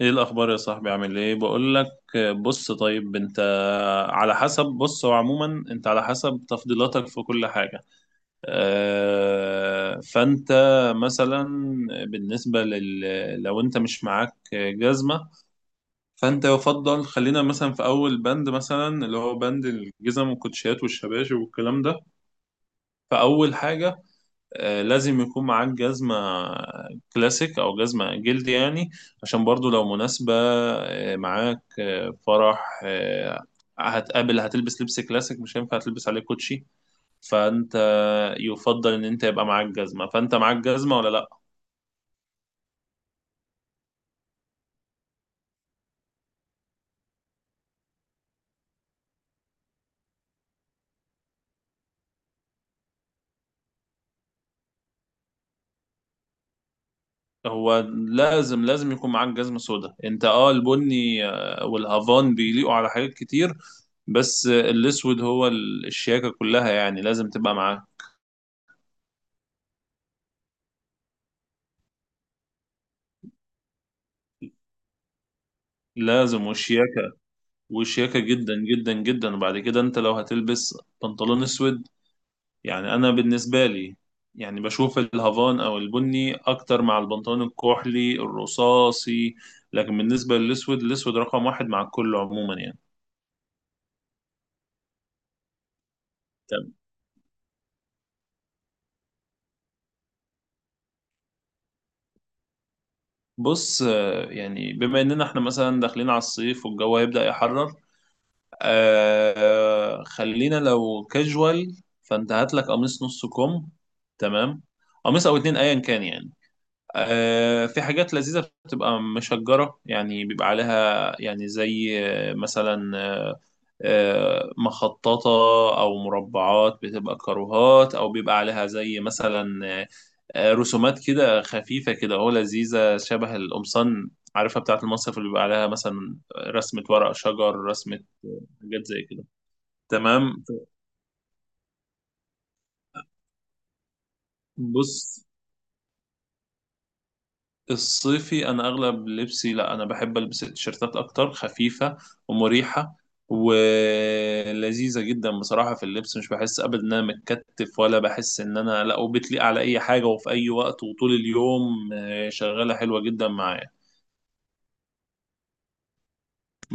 ايه الاخبار يا صاحبي؟ عامل ايه؟ بقول لك بص، طيب انت على حسب، بص هو عموما انت على حسب تفضيلاتك في كل حاجه. فانت مثلا بالنسبه لل لو انت مش معاك جزمه، فانت يفضل، خلينا مثلا في اول بند، مثلا اللي هو بند الجزم والكوتشيات والشباشب والكلام ده. فاول حاجه، لازم يكون معاك جزمة كلاسيك أو جزمة جلد يعني، عشان برضو لو مناسبة معاك فرح هتقابل، هتلبس لبس كلاسيك، مش هينفع تلبس عليه كوتشي. فأنت يفضل إن أنت يبقى معاك جزمة. فأنت معاك جزمة ولا لأ؟ هو لازم يكون معاك جزمة سودا. أنت أه، البني والهافان بيليقوا على حاجات كتير، بس الأسود هو الشياكة كلها، يعني لازم تبقى معاه. لازم، والشياكة وشياكة جدا جدا جدا. وبعد كده انت لو هتلبس بنطلون اسود، يعني انا بالنسبة لي، يعني بشوف الهافان او البني اكتر مع البنطلون الكحلي الرصاصي، لكن بالنسبة للاسود، الاسود رقم واحد مع الكل عموما يعني. طب بص، يعني بما اننا احنا مثلا داخلين على الصيف والجو هيبدأ يحرر، آه خلينا لو كاجوال، فانت هات لك قميص نص كم. تمام، قميص او اتنين ايا كان يعني. في حاجات لذيذة بتبقى مشجرة، يعني بيبقى عليها يعني زي آه، مثلا آه، آه، مخططة أو مربعات بتبقى كاروهات، أو بيبقى عليها زي مثلا رسومات كده خفيفة كده، هو لذيذة شبه القمصان، عارفها بتاعة المصيف اللي بيبقى عليها مثلا رسمة ورق شجر رسمة. حاجات زي كده. تمام، بص الصيفي انا اغلب لبسي، لا انا بحب البس التيشيرتات اكتر، خفيفه ومريحه ولذيذه جدا بصراحه في اللبس، مش بحس ابدا ان انا متكتف، ولا بحس ان انا، لا، وبتليق على اي حاجه وفي اي وقت وطول اليوم شغاله حلوه جدا معايا.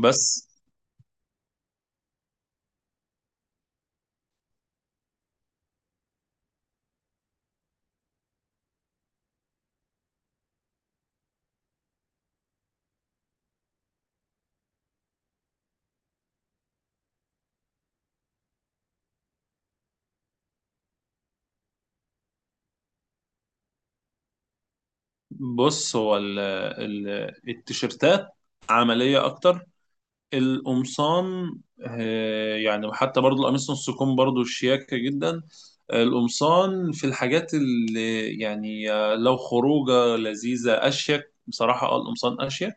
بس بص هو التيشيرتات عمليه اكتر. القمصان، يعني حتى برضو القميص نص كم برضو شياكه جدا. القمصان في الحاجات اللي يعني لو خروجه لذيذه، اشيك بصراحه، اه القمصان اشيك،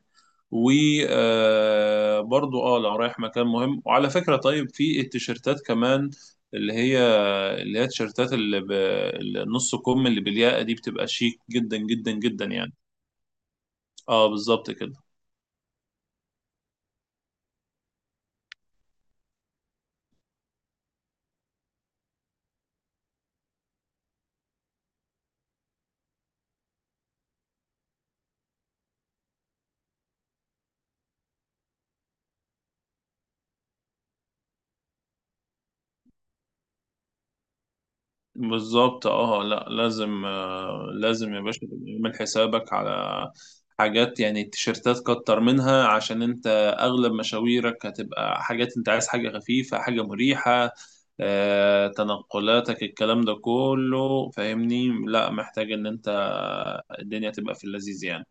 وبرضو اه لو رايح مكان مهم. وعلى فكره طيب، في التيشيرتات كمان اللي هي اللي هي التيشيرتات النص كم اللي بالياقه دي، بتبقى شيك جدا جدا جدا يعني. اه بالظبط كده. بالظبط، اه لا لازم، لازم يا باشا تبقى عامل حسابك على حاجات، يعني التيشيرتات كتر منها، عشان انت اغلب مشاويرك هتبقى حاجات، انت عايز حاجة خفيفة، حاجة مريحة، تنقلاتك، الكلام ده كله فاهمني، لا محتاج ان انت الدنيا تبقى في اللذيذ يعني.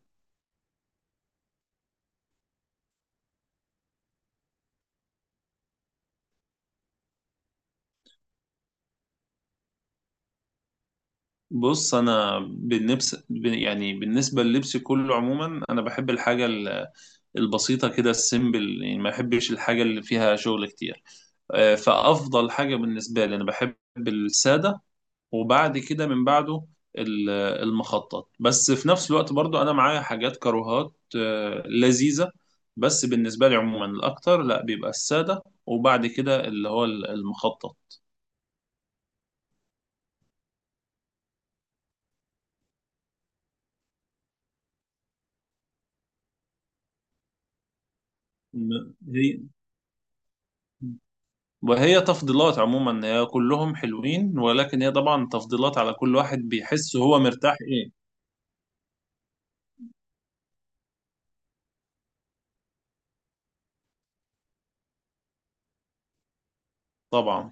بص انا بالنفس يعني بالنسبة للبس كله عموما، انا بحب الحاجة البسيطة كده، السيمبل يعني، ما بحبش الحاجة اللي فيها شغل كتير. فأفضل حاجة بالنسبة لي، أنا بحب السادة، وبعد كده من بعده ال- المخطط، بس في نفس الوقت برضو أنا معايا حاجات كروهات لذيذة، بس بالنسبة لي عموما الأكتر لا بيبقى السادة، وبعد كده اللي هو المخطط. هي وهي تفضيلات عموما، هي كلهم حلوين، ولكن هي طبعا تفضيلات، على كل واحد بيحس هو مرتاح ايه. طبعا،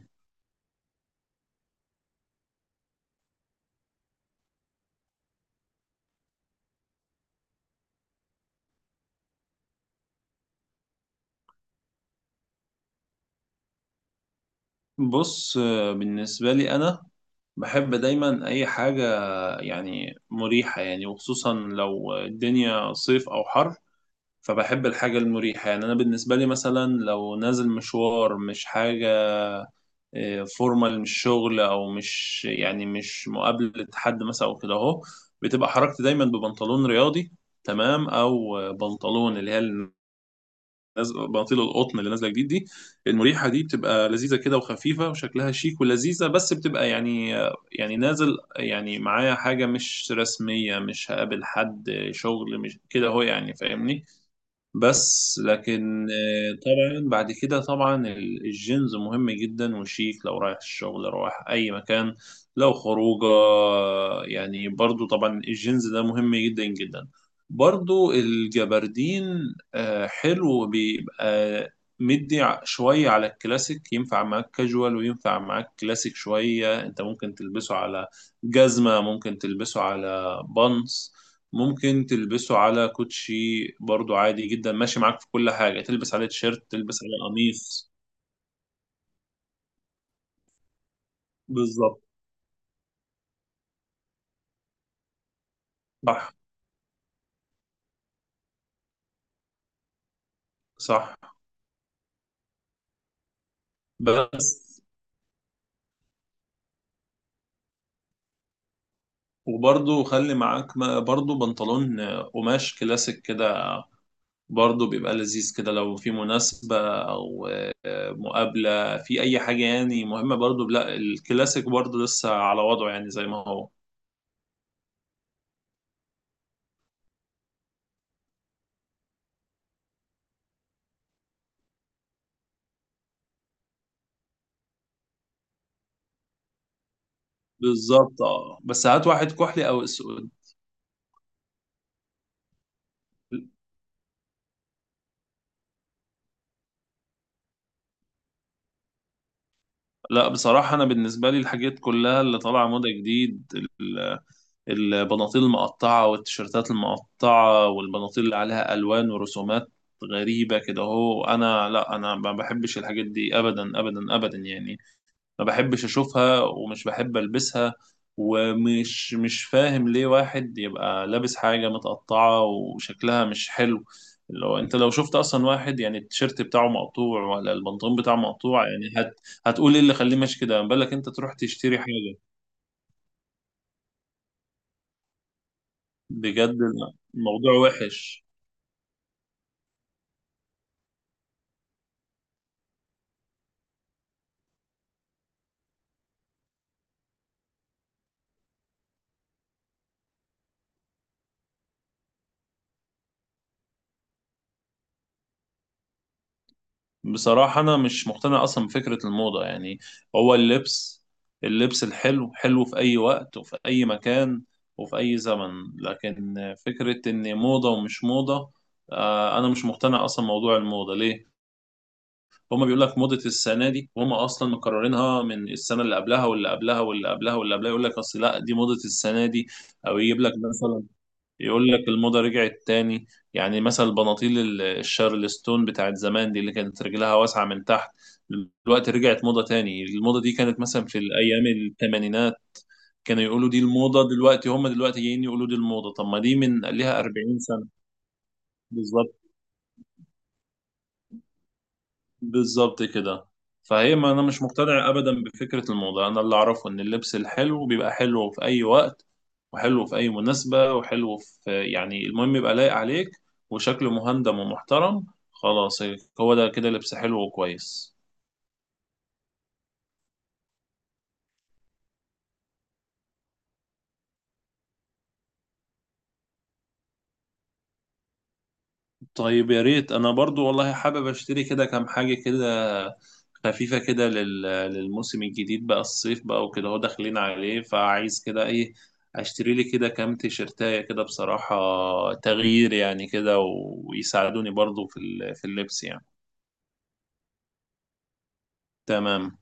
بص بالنسبة لي أنا بحب دايما أي حاجة يعني مريحة، يعني وخصوصا لو الدنيا صيف أو حر، فبحب الحاجة المريحة. يعني أنا بالنسبة لي مثلا لو نازل مشوار مش حاجة فورمال، مش شغل أو مش يعني مش مقابلة حد مثلا أو كده أهو، بتبقى حركتي دايما ببنطلون رياضي، تمام، أو بنطلون اللي هي بناطيل القطن اللي نازله جديد دي، المريحه دي، بتبقى لذيذه كده وخفيفه وشكلها شيك ولذيذه، بس بتبقى يعني، يعني نازل يعني معايا حاجه مش رسميه، مش هقابل حد شغل مش كده، هو يعني فاهمني. بس لكن طبعا بعد كده طبعا الجينز مهم جدا وشيك لو رايح الشغل، رايح اي مكان، لو خروجه يعني برضو طبعا الجينز ده مهم جدا جدا. برضو الجبردين حلو، بيبقى مدي شوية على الكلاسيك، ينفع معاك كاجوال وينفع معاك كلاسيك شوية، انت ممكن تلبسه على جزمة، ممكن تلبسه على بانس، ممكن تلبسه على كوتشي، برضو عادي جدا ماشي معاك في كل حاجة، تلبس عليه تيشيرت، تلبس عليه قميص. بالظبط، صح، صح، بس، وبرضو خلي معاك برضو بنطلون قماش كلاسيك كده، برضو بيبقى لذيذ كده لو في مناسبة أو مقابلة في أي حاجة يعني مهمة، برضو لا الكلاسيك برضو لسه على وضعه يعني زي ما هو. بالظبط اه، بس هات واحد كحلي أو أسود. لا بصراحة أنا بالنسبة لي الحاجات كلها اللي طالعة موضة جديد، ال- البناطيل المقطعة والتيشيرتات المقطعة والبناطيل اللي عليها ألوان ورسومات غريبة كده أهو، أنا لا، أنا ما بحبش الحاجات دي أبدا أبدا أبدا يعني، ما بحبش اشوفها ومش بحب البسها، ومش مش فاهم ليه واحد يبقى لابس حاجة متقطعة وشكلها مش حلو. لو انت لو شفت اصلا واحد يعني التيشيرت بتاعه مقطوع ولا البنطلون بتاعه مقطوع، يعني هتقول ايه اللي خليه ماشي كده، ما بالك انت تروح تشتري حاجة. بجد الموضوع وحش. بصراحة أنا مش مقتنع أصلا بفكرة الموضة يعني. هو اللبس، اللبس الحلو حلو في أي وقت وفي أي مكان وفي أي زمن، لكن فكرة إن موضة ومش موضة، أنا مش مقتنع أصلا موضوع الموضة، ليه؟ هما بيقول لك موضة السنة دي، وهما أصلا مكررينها من السنة اللي قبلها واللي قبلها واللي قبلها واللي قبلها، يقول لك أصل لا دي موضة السنة دي، أو يجيب لك مثلا، يقول لك الموضة رجعت تاني. يعني مثلا البناطيل الشارلستون بتاعت زمان دي، اللي كانت رجلها واسعة من تحت، دلوقتي رجعت موضة تاني. الموضة دي كانت مثلا في الأيام الثمانينات كانوا يقولوا دي الموضة، دلوقتي هم دلوقتي جايين يقولوا دي الموضة، طب ما دي من ليها 40 سنة. بالظبط، بالظبط كده. فهي ما انا مش مقتنع ابدا بفكره الموضه، انا اللي اعرفه ان اللبس الحلو بيبقى حلو في اي وقت، وحلو في اي مناسبه، وحلو في يعني المهم يبقى لايق عليك، وشكله مهندم ومحترم، خلاص، هو ده كده لبس حلو وكويس. طيب يا ريت، انا برضو والله حابب اشتري كده كام حاجة كده خفيفة كده لل... للموسم الجديد بقى، الصيف بقى وكده هو داخلين عليه، فعايز كده ايه، اشتري لي كده كام تيشرتاية كده بصراحة، تغيير يعني كده، و... ويساعدوني برضو في ال... في اللبس يعني. تمام